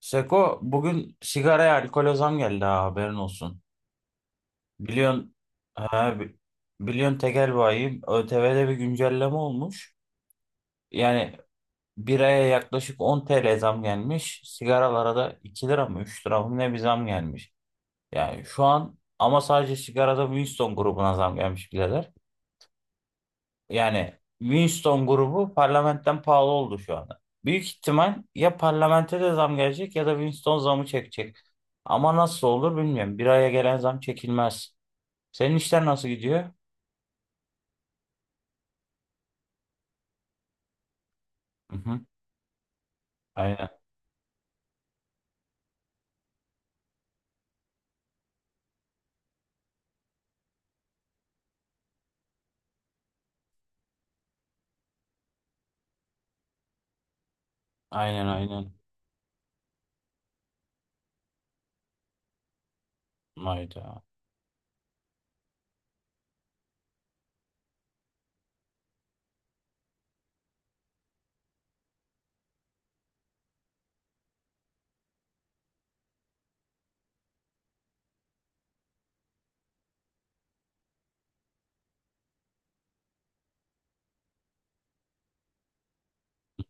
Seko bugün sigaraya alkole zam geldi ha haberin olsun. Biliyorsun ha, bi- biliyorsun tekel bayim ÖTV'de bir güncelleme olmuş. Yani biraya yaklaşık 10 TL zam gelmiş. Sigaralara da 2 lira mı 3 lira mı ne bir zam gelmiş. Yani şu an ama sadece sigarada Winston grubuna zam gelmiş birader. Yani Winston grubu parlamentten pahalı oldu şu anda. Büyük ihtimal ya parlamente de zam gelecek ya da Winston zamı çekecek. Ama nasıl olur bilmiyorum. Bir aya gelen zam çekilmez. Senin işler nasıl gidiyor? Hı hı. Aynen. Aynen aynen. Hayda.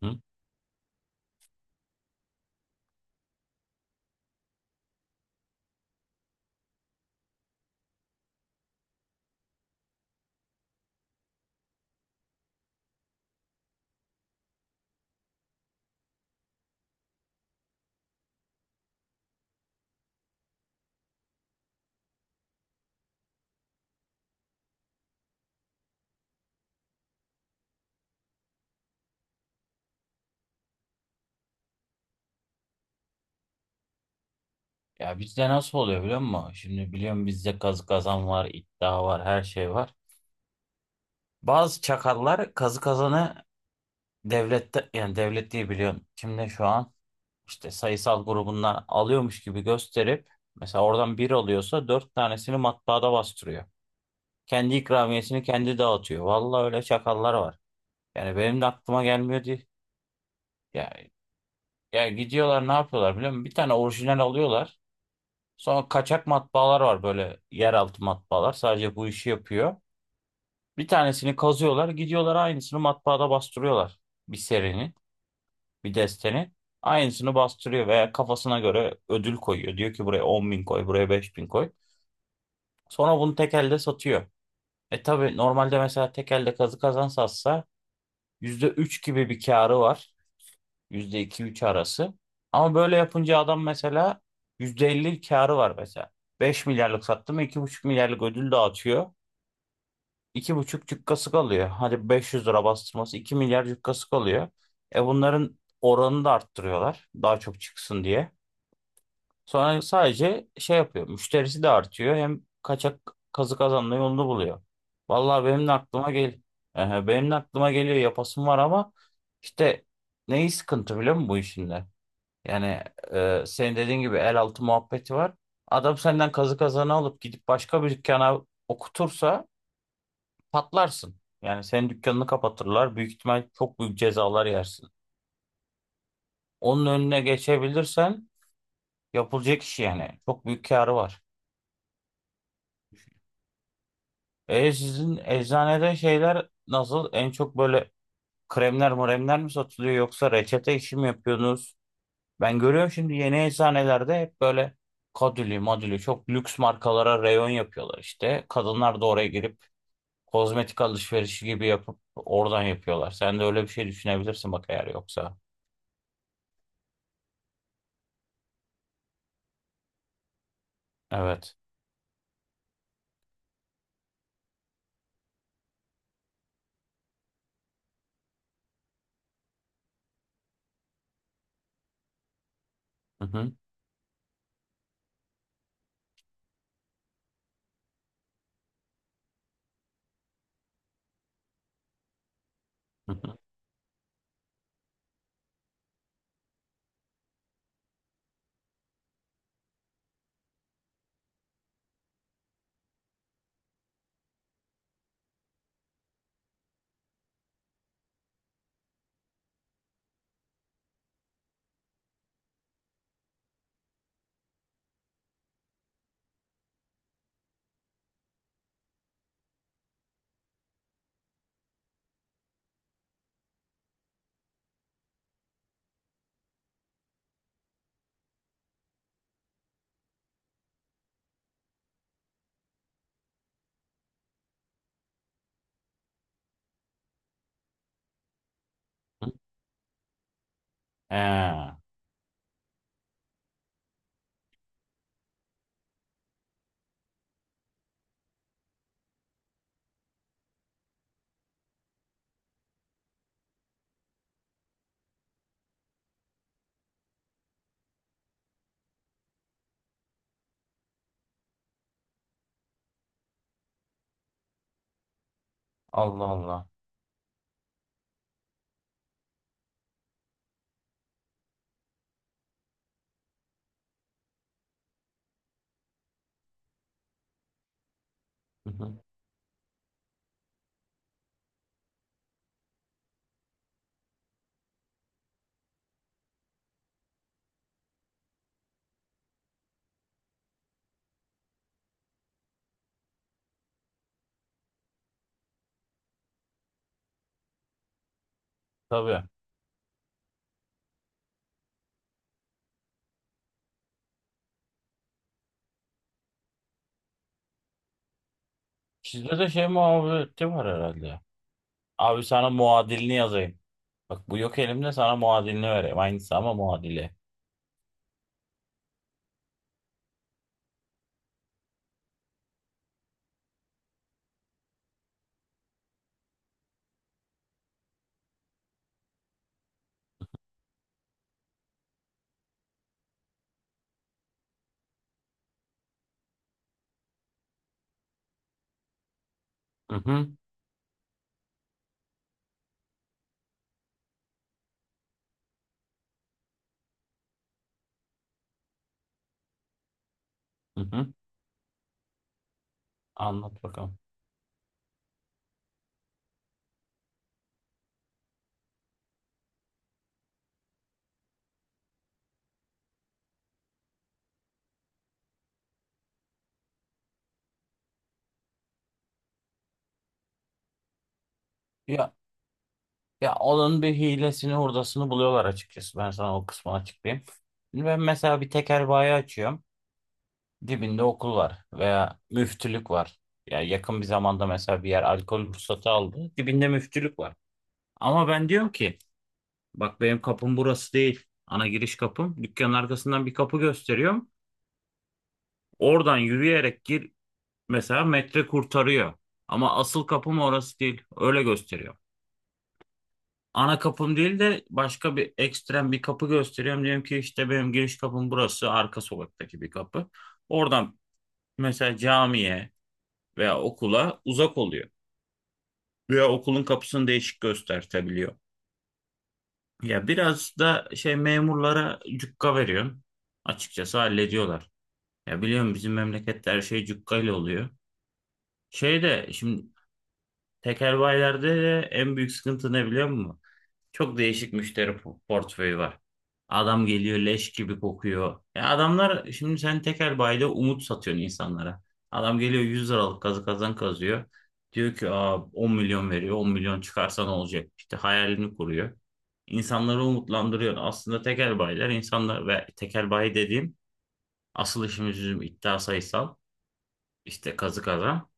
Hı hı. Ya bizde nasıl oluyor biliyor musun? Şimdi biliyorum bizde kazı kazan var, iddia var, her şey var. Bazı çakallar kazı kazanı devlette yani devlet diye biliyorum. Kimde şu an? İşte sayısal grubundan alıyormuş gibi gösterip mesela oradan bir alıyorsa dört tanesini matbaada bastırıyor. Kendi ikramiyesini kendi dağıtıyor. Vallahi öyle çakallar var. Yani benim de aklıma gelmiyor diye. Ya, ya, gidiyorlar ne yapıyorlar biliyor musun? Bir tane orijinal alıyorlar. Sonra kaçak matbaalar var, böyle yeraltı matbaalar. Sadece bu işi yapıyor. Bir tanesini kazıyorlar, gidiyorlar aynısını matbaada bastırıyorlar, bir serinin, bir desteni. Aynısını bastırıyor veya kafasına göre ödül koyuyor. Diyor ki buraya 10.000 koy, buraya 5.000 koy. Sonra bunu tek elde satıyor. E tabii normalde mesela tek elde kazı kazan satsa %3 gibi bir karı var. Yüzde iki üç arası. Ama böyle yapınca adam mesela %50 karı var mesela. 5 milyarlık sattı mı 2,5 milyarlık ödül dağıtıyor. İki buçuk cükkası kalıyor. Hadi 500 lira bastırması, 2 milyar cükkası kalıyor. E bunların oranını da arttırıyorlar. Daha çok çıksın diye. Sonra sadece şey yapıyor. Müşterisi de artıyor. Hem kaçak kazık kazanma yolunu buluyor. Vallahi benim de aklıma gel. Ehe, benim de aklıma geliyor, yapasım var ama işte neyi sıkıntı biliyor musun bu işinde? Yani senin dediğin gibi el altı muhabbeti var. Adam senden kazı kazanı alıp gidip başka bir dükkana okutursa patlarsın. Yani senin dükkanını kapatırlar. Büyük ihtimal çok büyük cezalar yersin. Onun önüne geçebilirsen yapılacak iş yani. Çok büyük karı var. E sizin eczanede şeyler nasıl? En çok böyle kremler mremler mi satılıyor, yoksa reçete işi mi yapıyorsunuz? Ben görüyorum, şimdi yeni eczanelerde hep böyle kadülü madülü çok lüks markalara reyon yapıyorlar işte. Kadınlar da oraya girip kozmetik alışverişi gibi yapıp oradan yapıyorlar. Sen de öyle bir şey düşünebilirsin bak, eğer yoksa. Evet. Hı hı. Hı hı. Hı. Ee, Allah Allah. Hı hı. Tabii. Sizde de şey muhabbeti var herhalde. Abi sana muadilini yazayım. Bak bu yok elimde, sana muadilini vereyim. Aynısı ama muadili. Hı hı. Hı hı. Anlat bakalım. Ya ya onun bir hilesini hurdasını buluyorlar açıkçası. Ben sana o kısmını açıklayayım. Şimdi ben mesela bir tekel bayi açıyorum. Dibinde okul var veya müftülük var. Ya yakın bir zamanda mesela bir yer alkol ruhsatı aldı. Dibinde müftülük var. Ama ben diyorum ki bak benim kapım burası değil. Ana giriş kapım. Dükkanın arkasından bir kapı gösteriyorum. Oradan yürüyerek gir. Mesela metre kurtarıyor. Ama asıl kapım orası değil. Öyle gösteriyor. Ana kapım değil de başka bir ekstrem bir kapı gösteriyorum. Diyorum ki işte benim giriş kapım burası. Arka sokaktaki bir kapı. Oradan mesela camiye veya okula uzak oluyor. Veya okulun kapısını değişik göstertebiliyor. Ya biraz da şey, memurlara cukka veriyorum. Açıkçası hallediyorlar. Ya biliyorum, bizim memlekette her şey cukka ile oluyor. Şey de şimdi, tekerbaylerde de en büyük sıkıntı ne biliyor musun? Çok değişik müşteri portföyü var. Adam geliyor, leş gibi kokuyor. Ya adamlar, şimdi sen tekel bayda umut satıyorsun insanlara. Adam geliyor 100 liralık kazı kazan kazıyor. Diyor ki Aa, 10 milyon veriyor. 10 milyon çıkarsa ne olacak? İşte hayalini kuruyor. İnsanları umutlandırıyor. Aslında tekel bayiler, insanlar ve tekel bayi dediğim, asıl işimiz bizim iddia sayısal işte kazı kazan.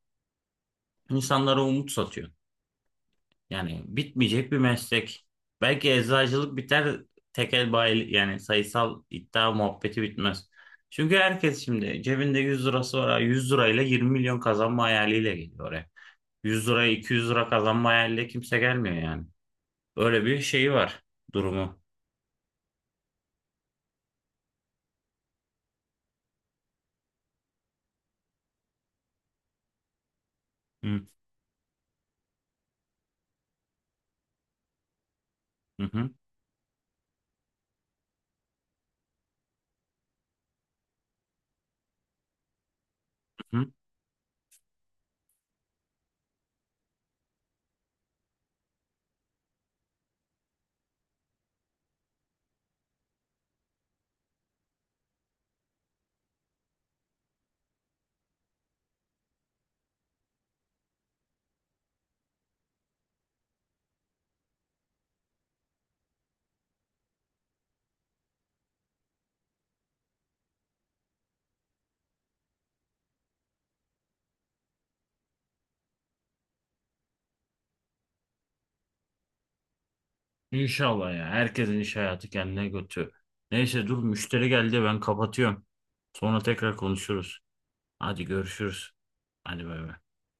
İnsanlara umut satıyor. Yani bitmeyecek bir meslek. Belki eczacılık biter, tekel bayi yani sayısal iddia muhabbeti bitmez. Çünkü herkes şimdi cebinde 100 lirası var. 100 lirayla 20 milyon kazanma hayaliyle geliyor oraya. 100 liraya 200 lira kazanma hayaliyle kimse gelmiyor yani. Öyle bir şeyi var durumu. Hı, hı, hı, hı. İnşallah ya. Herkesin iş hayatı kendine götü. Neyse dur, müşteri geldi, ben kapatıyorum. Sonra tekrar konuşuruz. Hadi görüşürüz. Hadi bay bay.